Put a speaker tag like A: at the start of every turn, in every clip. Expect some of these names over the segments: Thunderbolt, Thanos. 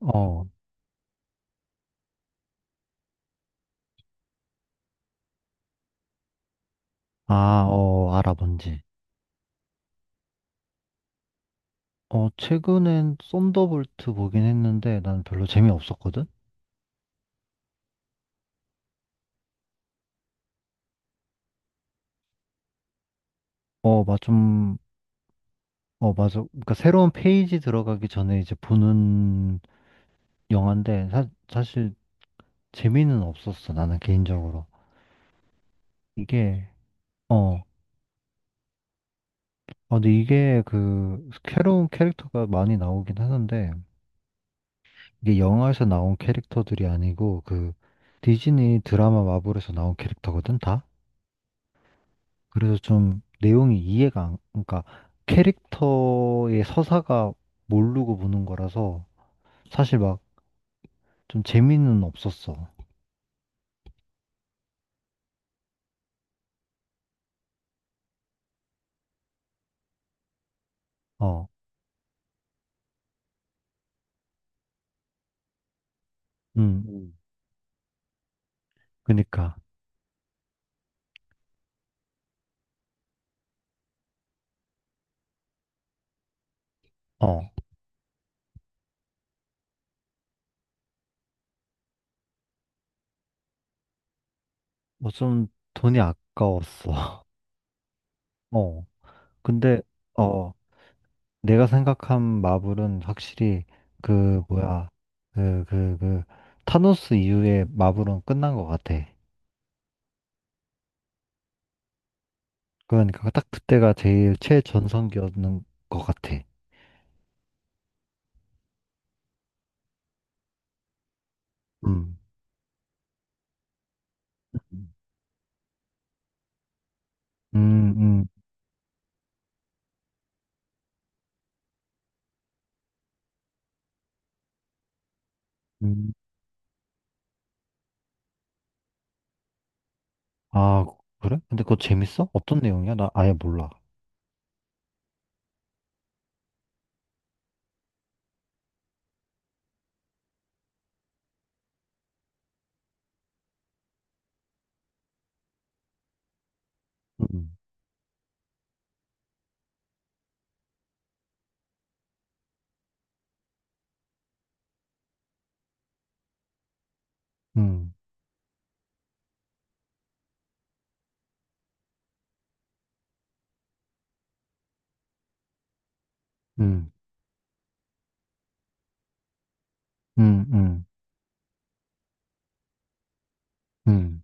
A: 어, 아, 어, 알아, 뭔지. 어, 최근엔 썬더볼트 보긴 했는데 난 별로 재미없었거든? 어, 맞 좀, 맞아. 그러니까 새로운 페이지 들어가기 전에 이제 보는 영화인데 사실 재미는 없었어, 나는 개인적으로. 이게, 어, 근데 이게 그 새로운 캐릭터가 많이 나오긴 하는데 이게 영화에서 나온 캐릭터들이 아니고 그 디즈니 드라마 마블에서 나온 캐릭터거든, 다? 그래서 좀 내용이 이해가 안, 그러니까 캐릭터의 서사가 모르고 보는 거라서 사실 막 좀 재미는 없었어. 어, 음, 음. 그니까, 어, 뭐좀 돈이 아까웠어. 어, 근데, 어, 내가 생각한 마블은 확실히 그, 뭐야, 그, 그, 그, 타노스 이후에 마블은 끝난 것 같아. 그러니까 딱 그때가 제일 최전성기였는 것 같아. 음. 음, 음. 음. 아, 그래? 근데 그거 재밌어? 어떤 내용이야? 나 아예 몰라. 음, 음, 음, 음, 음, 음,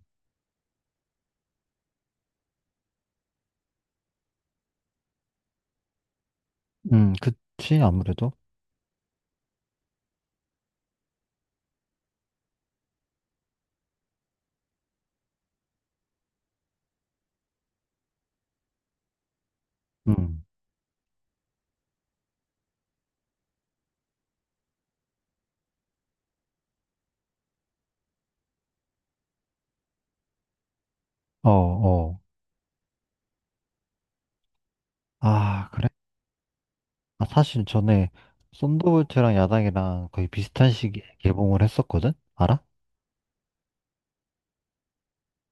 A: 그치, 아무래도. 음, 어, 어. 아, 그래? 아, 사실 전에 썬더볼트랑 야당이랑 거의 비슷한 시기에 개봉을 했었거든? 알아?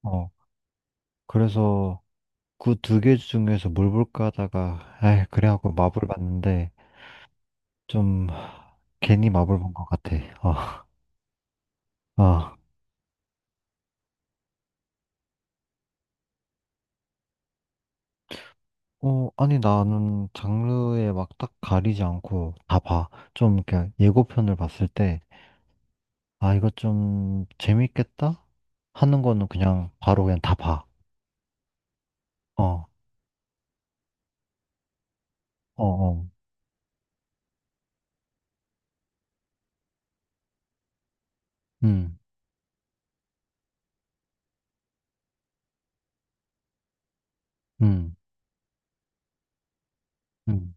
A: 어, 그래서 그 두 개 중에서 뭘 볼까 하다가, 에이, 그래 하고 마블 봤는데, 좀, 괜히 마블 본 것 같아. 어, 어. 아니, 나는 장르에 막 딱 가리지 않고 다 봐. 좀, 이렇게 예고편을 봤을 때, 아, 이거 좀 재밌겠다? 하는 거는 그냥 바로 그냥 다 봐. 어, 어, 어. 음, 음, 음,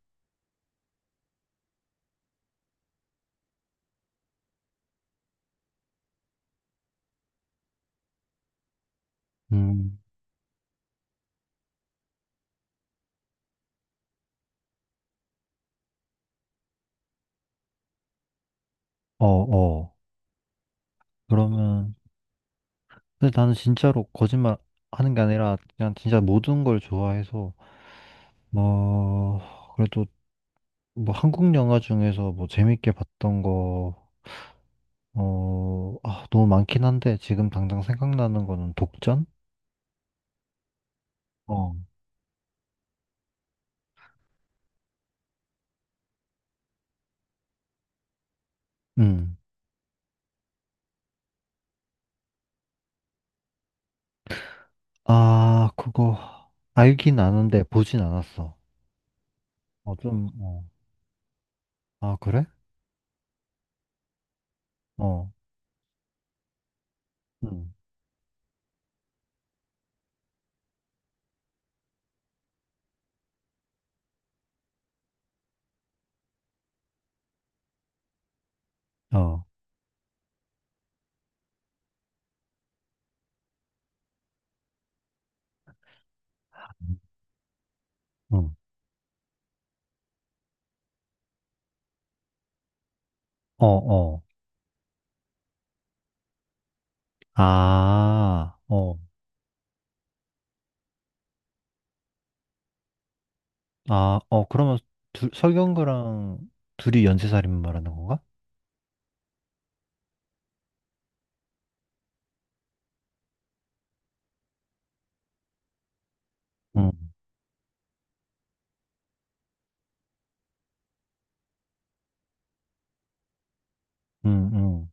A: 음. 어, 어. 그러면, 근데 나는 진짜로 거짓말 하는 게 아니라, 그냥 진짜 모든 걸 좋아해서, 뭐, 그래도 뭐 한국 영화 중에서 뭐 재밌게 봤던 거, 너무 많긴 한데 지금 당장 생각나는 거는 독전? 어, 음. 아, 그거 알긴 아는데 보진 않았어. 어, 좀, 어, 아, 그래? 어. 음, 어. 음. 어, 어. 아, 어. 아, 어, 그러면 설경구랑 둘이 연쇄살인 말하는 건가? 응, 응, 응,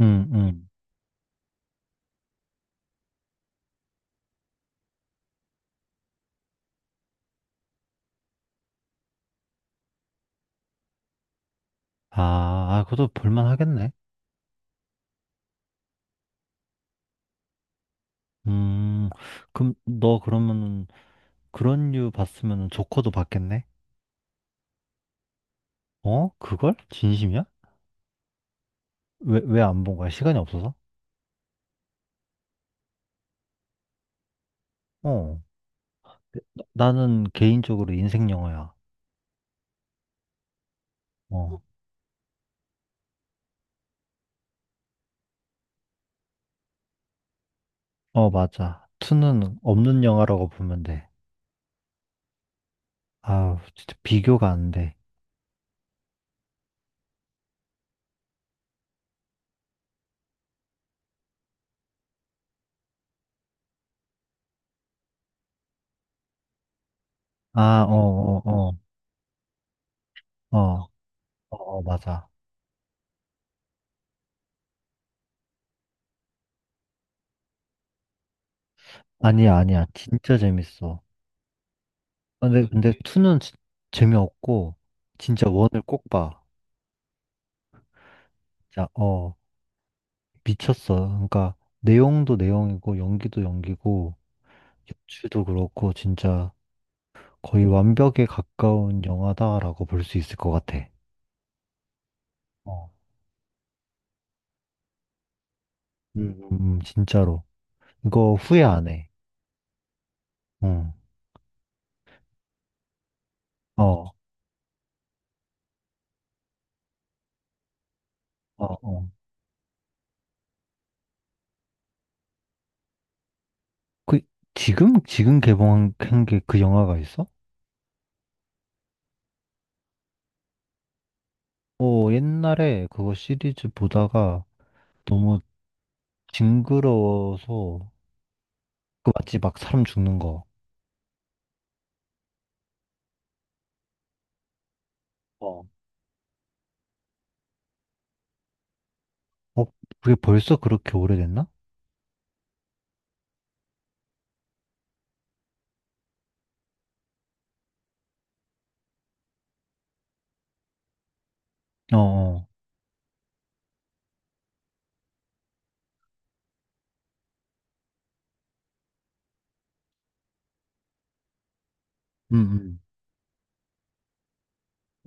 A: 응, 응. 아, 아, 그것도 볼만 하겠네. 음, 그럼 너 그러면 그런 류 봤으면 조커도 봤겠네? 어? 그걸? 진심이야? 왜 안 본 거야? 시간이 없어서? 어. 나- 나는 개인적으로 인생 영화야. 어. 어, 맞아. 투는 없는 영화라고 보면 돼. 아우, 진짜 비교가 안 돼. 아, 어, 어, 어, 어, 어, 어, 맞아. 아니야, 아니야. 진짜 재밌어. 아, 근데, 투는 재미없고, 진짜 원을 꼭 봐. 진짜, 미쳤어. 그러니까, 내용도 내용이고, 연기도 연기고, 도 그렇고 진짜 거의 완벽에 가까운 영화다라고 볼 수 있을 것 같아. 어. 진짜로. 이거 후회 안 해. 응. 어, 어, 어. 그, 지금 개봉한 게 그 영화가 있어? 어, 옛날에 그거 시리즈 보다가 너무 징그러워서, 맞지? 막 사람 죽는 거. 어. 어, 그게 벌써 그렇게 오래됐나? 어, 어. 음, 음.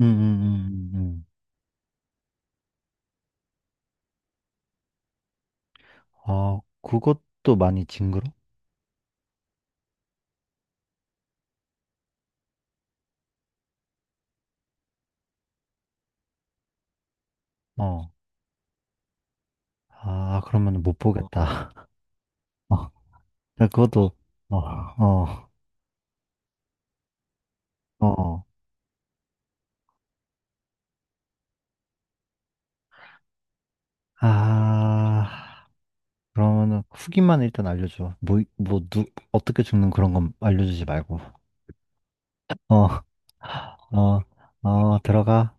A: 음. 아, 그것도 많이 징그러? 어. 아, 그러면 못 보겠다. 어, 나 그것도, 어, 어, 어. 아, 그러면은 후기만 일단 알려줘. 어떻게 죽는 그런 건 알려주지 말고. 어, 어, 어, 들어가.